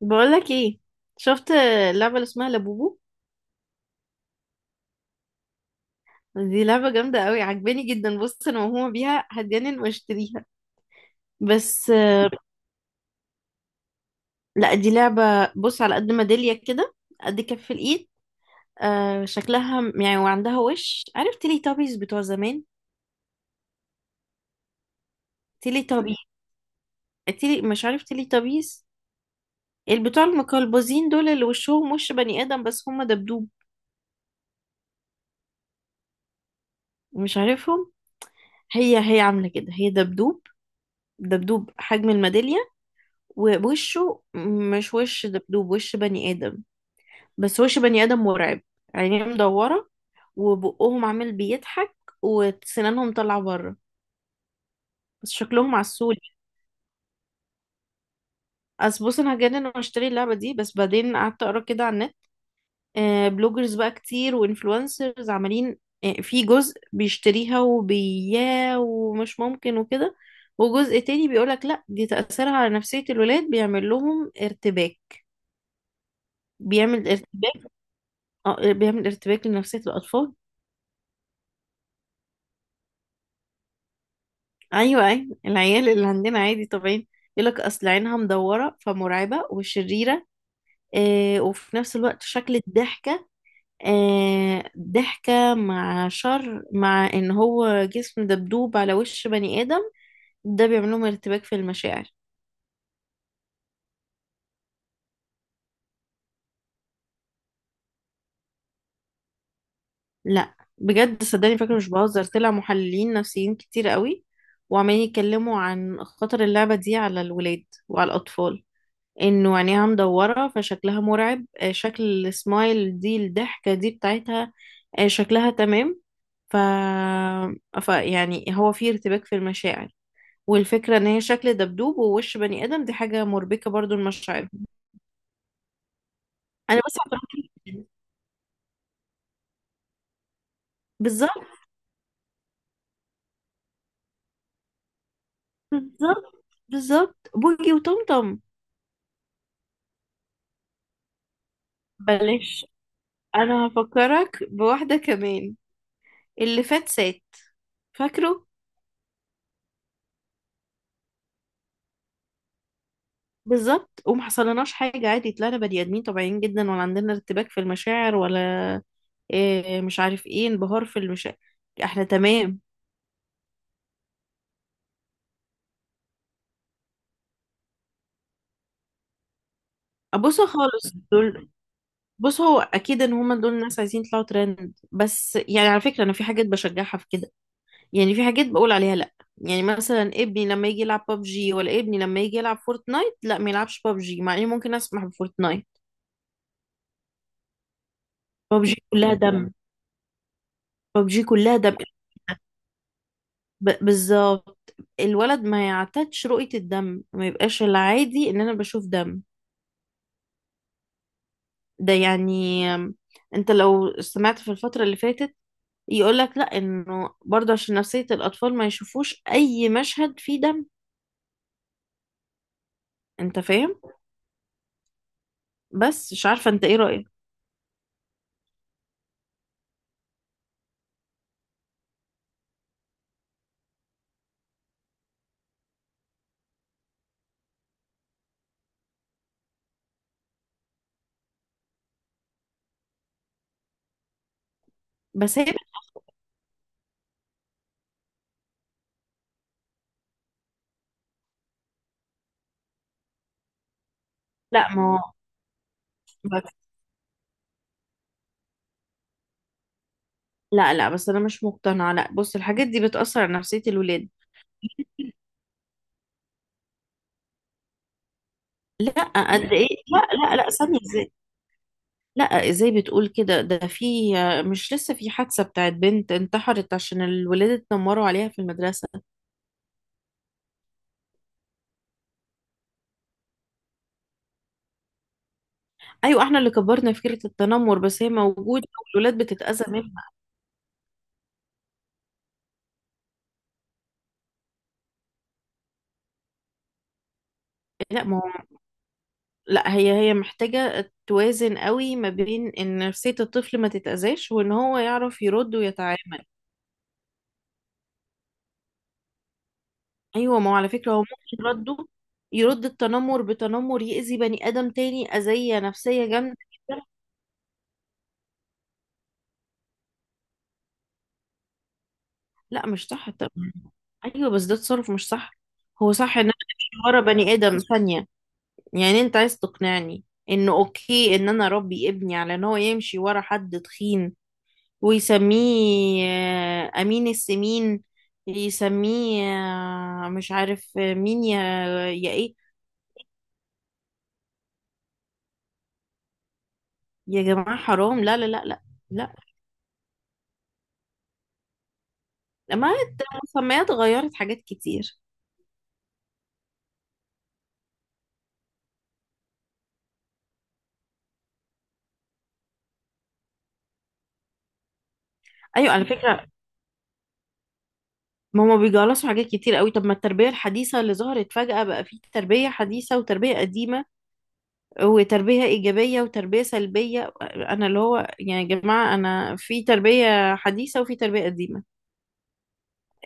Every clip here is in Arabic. بقولك ايه؟ شفت اللعبة اللي اسمها لابوبو؟ دي لعبة جامدة قوي، عجباني جدا. بص، انا موهومة بيها، هتجنن واشتريها. بس لا، دي لعبة. بص، على قد ميدالية كده، قد كف الايد. آه شكلها يعني، وعندها وش. عارف تيلي تابيز بتوع زمان؟ تيلي تابي، تيلي، مش عارف تيلي تابيز، البتوع المقلبزين دول اللي وشهم وش بني ادم بس هم دبدوب. مش عارفهم؟ هي هي عاملة كده، هي دبدوب. دبدوب حجم الميدالية، ووشه مش وش دبدوب، وش بني آدم. بس وش بني آدم مرعب، عينيه مدورة، وبقهم عامل بيضحك وسنانهم طالعة بره، بس شكلهم عسول. أصل بص، أنا هجنن وأشتري اللعبة دي. بس بعدين قعدت أقرأ كده على النت. بلوجرز بقى كتير، وإنفلونسرز عمالين. في جزء بيشتريها وبياه ومش ممكن وكده، وجزء تاني بيقولك لأ، دي تأثيرها على نفسية الولاد، بيعمل لهم ارتباك. بيعمل ارتباك، اه بيعمل ارتباك لنفسية الأطفال. ايوه ايوه، العيال اللي عندنا عادي طبيعي. يقولك اصل عينها مدوره فمرعبه وشريره. آه وفي نفس الوقت شكل الضحكه، آه ضحكه مع شر، مع ان هو جسم دبدوب على وش بني ادم، ده بيعمل لهم ارتباك في المشاعر. لا بجد، صدقني، فاكره مش بهزر، طلع محللين نفسيين كتير قوي، وعمالين يتكلموا عن خطر اللعبه دي على الولاد وعلى الاطفال. انه عينيها مدورة فشكلها مرعب. شكل السمايل دي، الضحكة دي بتاعتها، شكلها تمام. ف... ف يعني هو في ارتباك في المشاعر، والفكرة ان هي شكل دبدوب ووش بني ادم، دي حاجة مربكة برضو لمشاعرهم. انا بس اعترضت جداً. بالظبط، بالظبط، بالظبط، بوجي وطمطم. بلاش، انا هفكرك بواحدة كمان، اللي فات سات، فاكره؟ بالظبط، وما حصلناش حاجة، عادي طلعنا بني آدمين طبيعيين جدا، ولا عندنا ارتباك في المشاعر ولا إيه، مش عارف ايه، انبهار في المشاعر، احنا تمام. بصوا خالص دول. بص، هو اكيد ان هما دول الناس عايزين يطلعوا ترند. بس يعني على فكرة، انا في حاجات بشجعها في كده، يعني في حاجات بقول عليها لا. يعني مثلا ابني لما يجي يلعب ببجي، ولا ابني لما يجي يلعب فورتنايت، لا ما يلعبش ببجي، مع اني ممكن اسمح بفورتنايت. ببجي كلها دم، ببجي كلها دم. بالظبط. الولد ما يعتادش رؤية الدم، ما يبقاش العادي ان انا بشوف دم. ده يعني انت لو سمعت في الفترة اللي فاتت، يقولك لا انه برضه عشان نفسية الاطفال ما يشوفوش اي مشهد فيه دم. انت فاهم؟ بس مش عارفة انت ايه رأيك. بس هي، لا ما هو، بس- لا لا، بس انا مش مقتنعة. لا بص، الحاجات دي بتأثر على نفسية الولاد. لا قد ايه، لا لا لا، ثانية، لا ازاي بتقول كده؟ ده في، مش لسه في حادثة بتاعت بنت انتحرت عشان الولاد اتنمروا عليها في المدرسة؟ ايوه احنا اللي كبرنا فكرة التنمر، بس هي موجودة والولاد بتتأذى منها. لا ما هو، لا، هي هي محتاجة توازن قوي ما بين ان نفسية الطفل ما تتأذاش، وان هو يعرف يرد ويتعامل. ايوه، ما هو على فكرة هو ممكن رده يرد التنمر بتنمر، يأذي بني آدم تاني أذية نفسية جامدة جدا. لا مش صح طبعا. ايوه بس ده تصرف مش صح. هو صح ان انا امشي ورا بني ادم ثانيه؟ يعني انت عايز تقنعني انه اوكي ان انا اربي ابني على ان هو يمشي ورا حد تخين ويسميه امين السمين، يسميه مش عارف مين، يا يا ايه؟ يا جماعه حرام، لا لا لا لا لا. لما المسميات غيرت حاجات كتير. ايوه على فكره، ما هما بيجلصوا حاجات كتير قوي. طب ما التربيه الحديثه اللي ظهرت فجاه، بقى في تربيه حديثه وتربيه قديمه، وتربية إيجابية وتربية سلبية. أنا اللي هو يعني يا جماعة، أنا في تربية حديثة وفي تربية قديمة.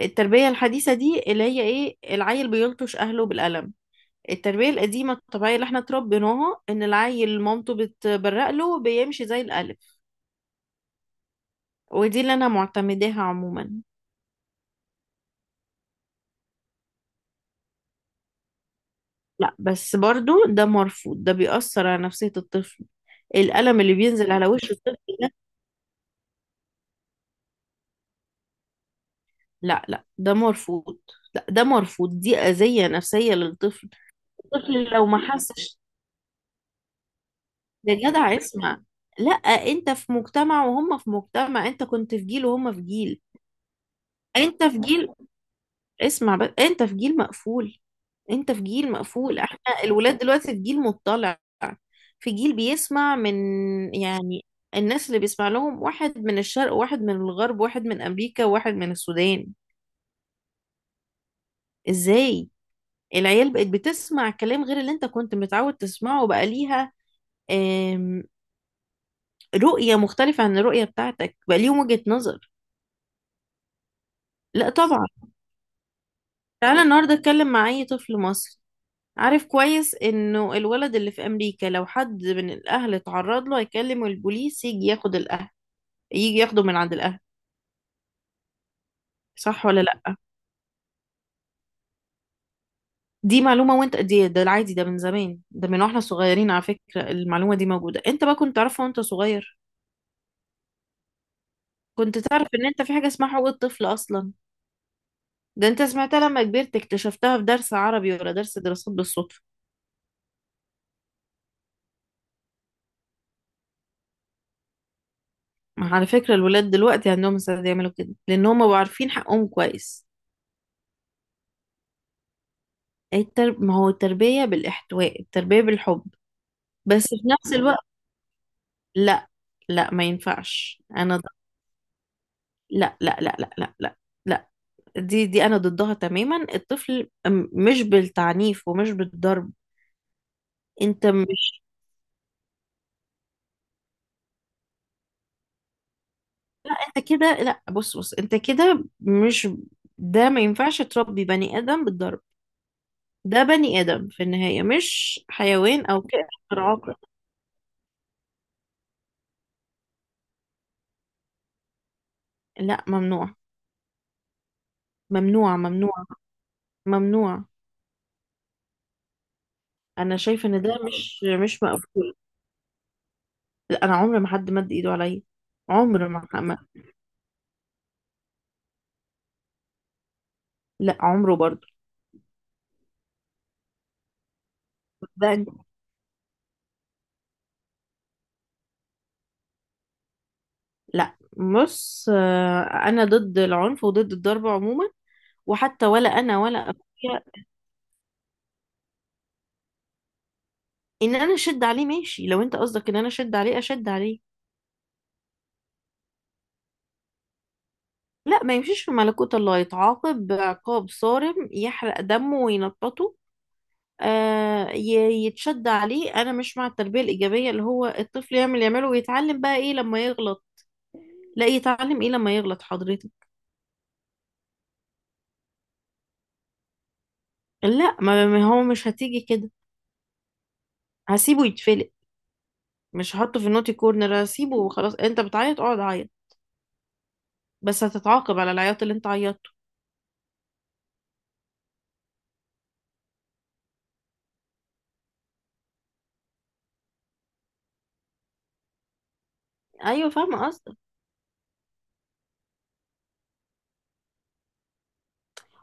التربية الحديثة دي اللي هي إيه؟ العيل بيلطش أهله بالقلم. التربية القديمة الطبيعية اللي احنا اتربيناها، إن العيل مامته بتبرق له بيمشي زي الألف، ودي اللي أنا معتمداها عموما. لا بس برضو ده مرفوض، ده بيأثر على نفسية الطفل، القلم اللي بينزل على وش الطفل ده. لا لا، ده مرفوض. لا ده مرفوض، دي أذية نفسية للطفل. الطفل لو ما حسش، يا جدع اسمع. لا، انت في مجتمع وهم في مجتمع، انت كنت في جيل وهم في جيل. انت في جيل، اسمع بس، انت في جيل مقفول، انت في جيل مقفول، احنا الولاد دلوقتي في جيل مطلع، في جيل بيسمع من، يعني الناس اللي بيسمع لهم، واحد من الشرق واحد من الغرب واحد من امريكا واحد من السودان. ازاي العيال بقت بتسمع كلام غير اللي انت كنت متعود تسمعه؟ بقى ليها رؤية مختلفة عن الرؤية بتاعتك، بقى ليهم وجهة نظر. لا طبعا. تعالى النهاردة اتكلم مع أي طفل مصري. عارف كويس انه الولد اللي في امريكا لو حد من الاهل اتعرض له، هيكلم البوليس يجي ياخد الاهل، يجي ياخده من عند الاهل. صح ولا لا؟ دي معلومة، وانت دي، ده العادي، ده من زمان، ده من واحنا صغيرين، على فكرة المعلومة دي موجودة. انت بقى كنت تعرفها وانت صغير؟ كنت تعرف ان انت في حاجة اسمها حقوق الطفل اصلا؟ ده انت سمعتها لما كبرت، اكتشفتها في درس عربي ولا درس دراسات بالصدفة. على فكرة الولاد دلوقتي عندهم استعداد يعملوا كده، لأن هم بقوا عارفين حقهم كويس. ما هو التربية بالإحتواء، التربية بالحب. بس في نفس الوقت، لا، لا ما ينفعش، أنا لا لا لا لا لا لا. لا دي دي أنا ضدها تماما. الطفل مش بالتعنيف ومش بالضرب. أنت مش، أنت كده، لا بص بص، أنت كده مش، ده ما ينفعش تربي بني آدم بالضرب. ده بني آدم في النهاية، مش حيوان أو كائن غير عاقل. لا ممنوع، ممنوع ممنوع ممنوع. انا شايفه ان ده مش مش مقبول. لا انا عمري ما حد مد ايده عليا. عمر ما لا عمره برضه. ده لا بص، انا ضد العنف وضد الضرب عموما، وحتى ولا انا ولا اخويا. ان انا اشد عليه ماشي، لو انت قصدك ان انا اشد عليه، اشد عليه. لا ما يمشيش في ملكوت الله، يتعاقب عقاب صارم، يحرق دمه وينططه. يتشد عليه. انا مش مع التربيه الايجابيه اللي هو الطفل يعمل يعمله، ويتعلم بقى ايه لما يغلط؟ لا يتعلم ايه لما يغلط حضرتك؟ لا، ما ما هو مش هتيجي كده، هسيبه يتفلق. مش هحطه في النوتي كورنر، هسيبه وخلاص. انت بتعيط؟ اقعد عيط، بس هتتعاقب على العياط اللي انت عيطته. ايوه فاهمه قصدك.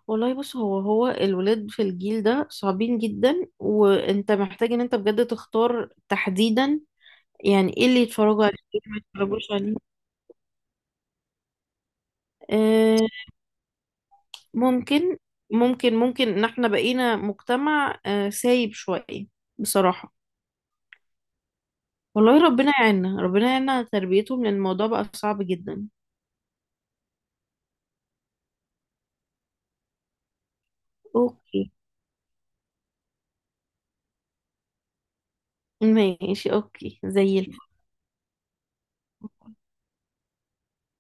والله بص، هو هو الولاد في الجيل ده صعبين جدا، وانت محتاج ان انت بجد تختار تحديدا يعني ايه اللي يتفرجوا عليه، ايه اللي ما يتفرجوش عليه. آه، ممكن، ممكن ممكن ان احنا بقينا مجتمع سايب شوية، بصراحة. والله ربنا يعيننا، ربنا يعيننا على تربيتهم، لان الموضوع بقى صعب جدا. اوكي، ماشي اوكي زي الفل.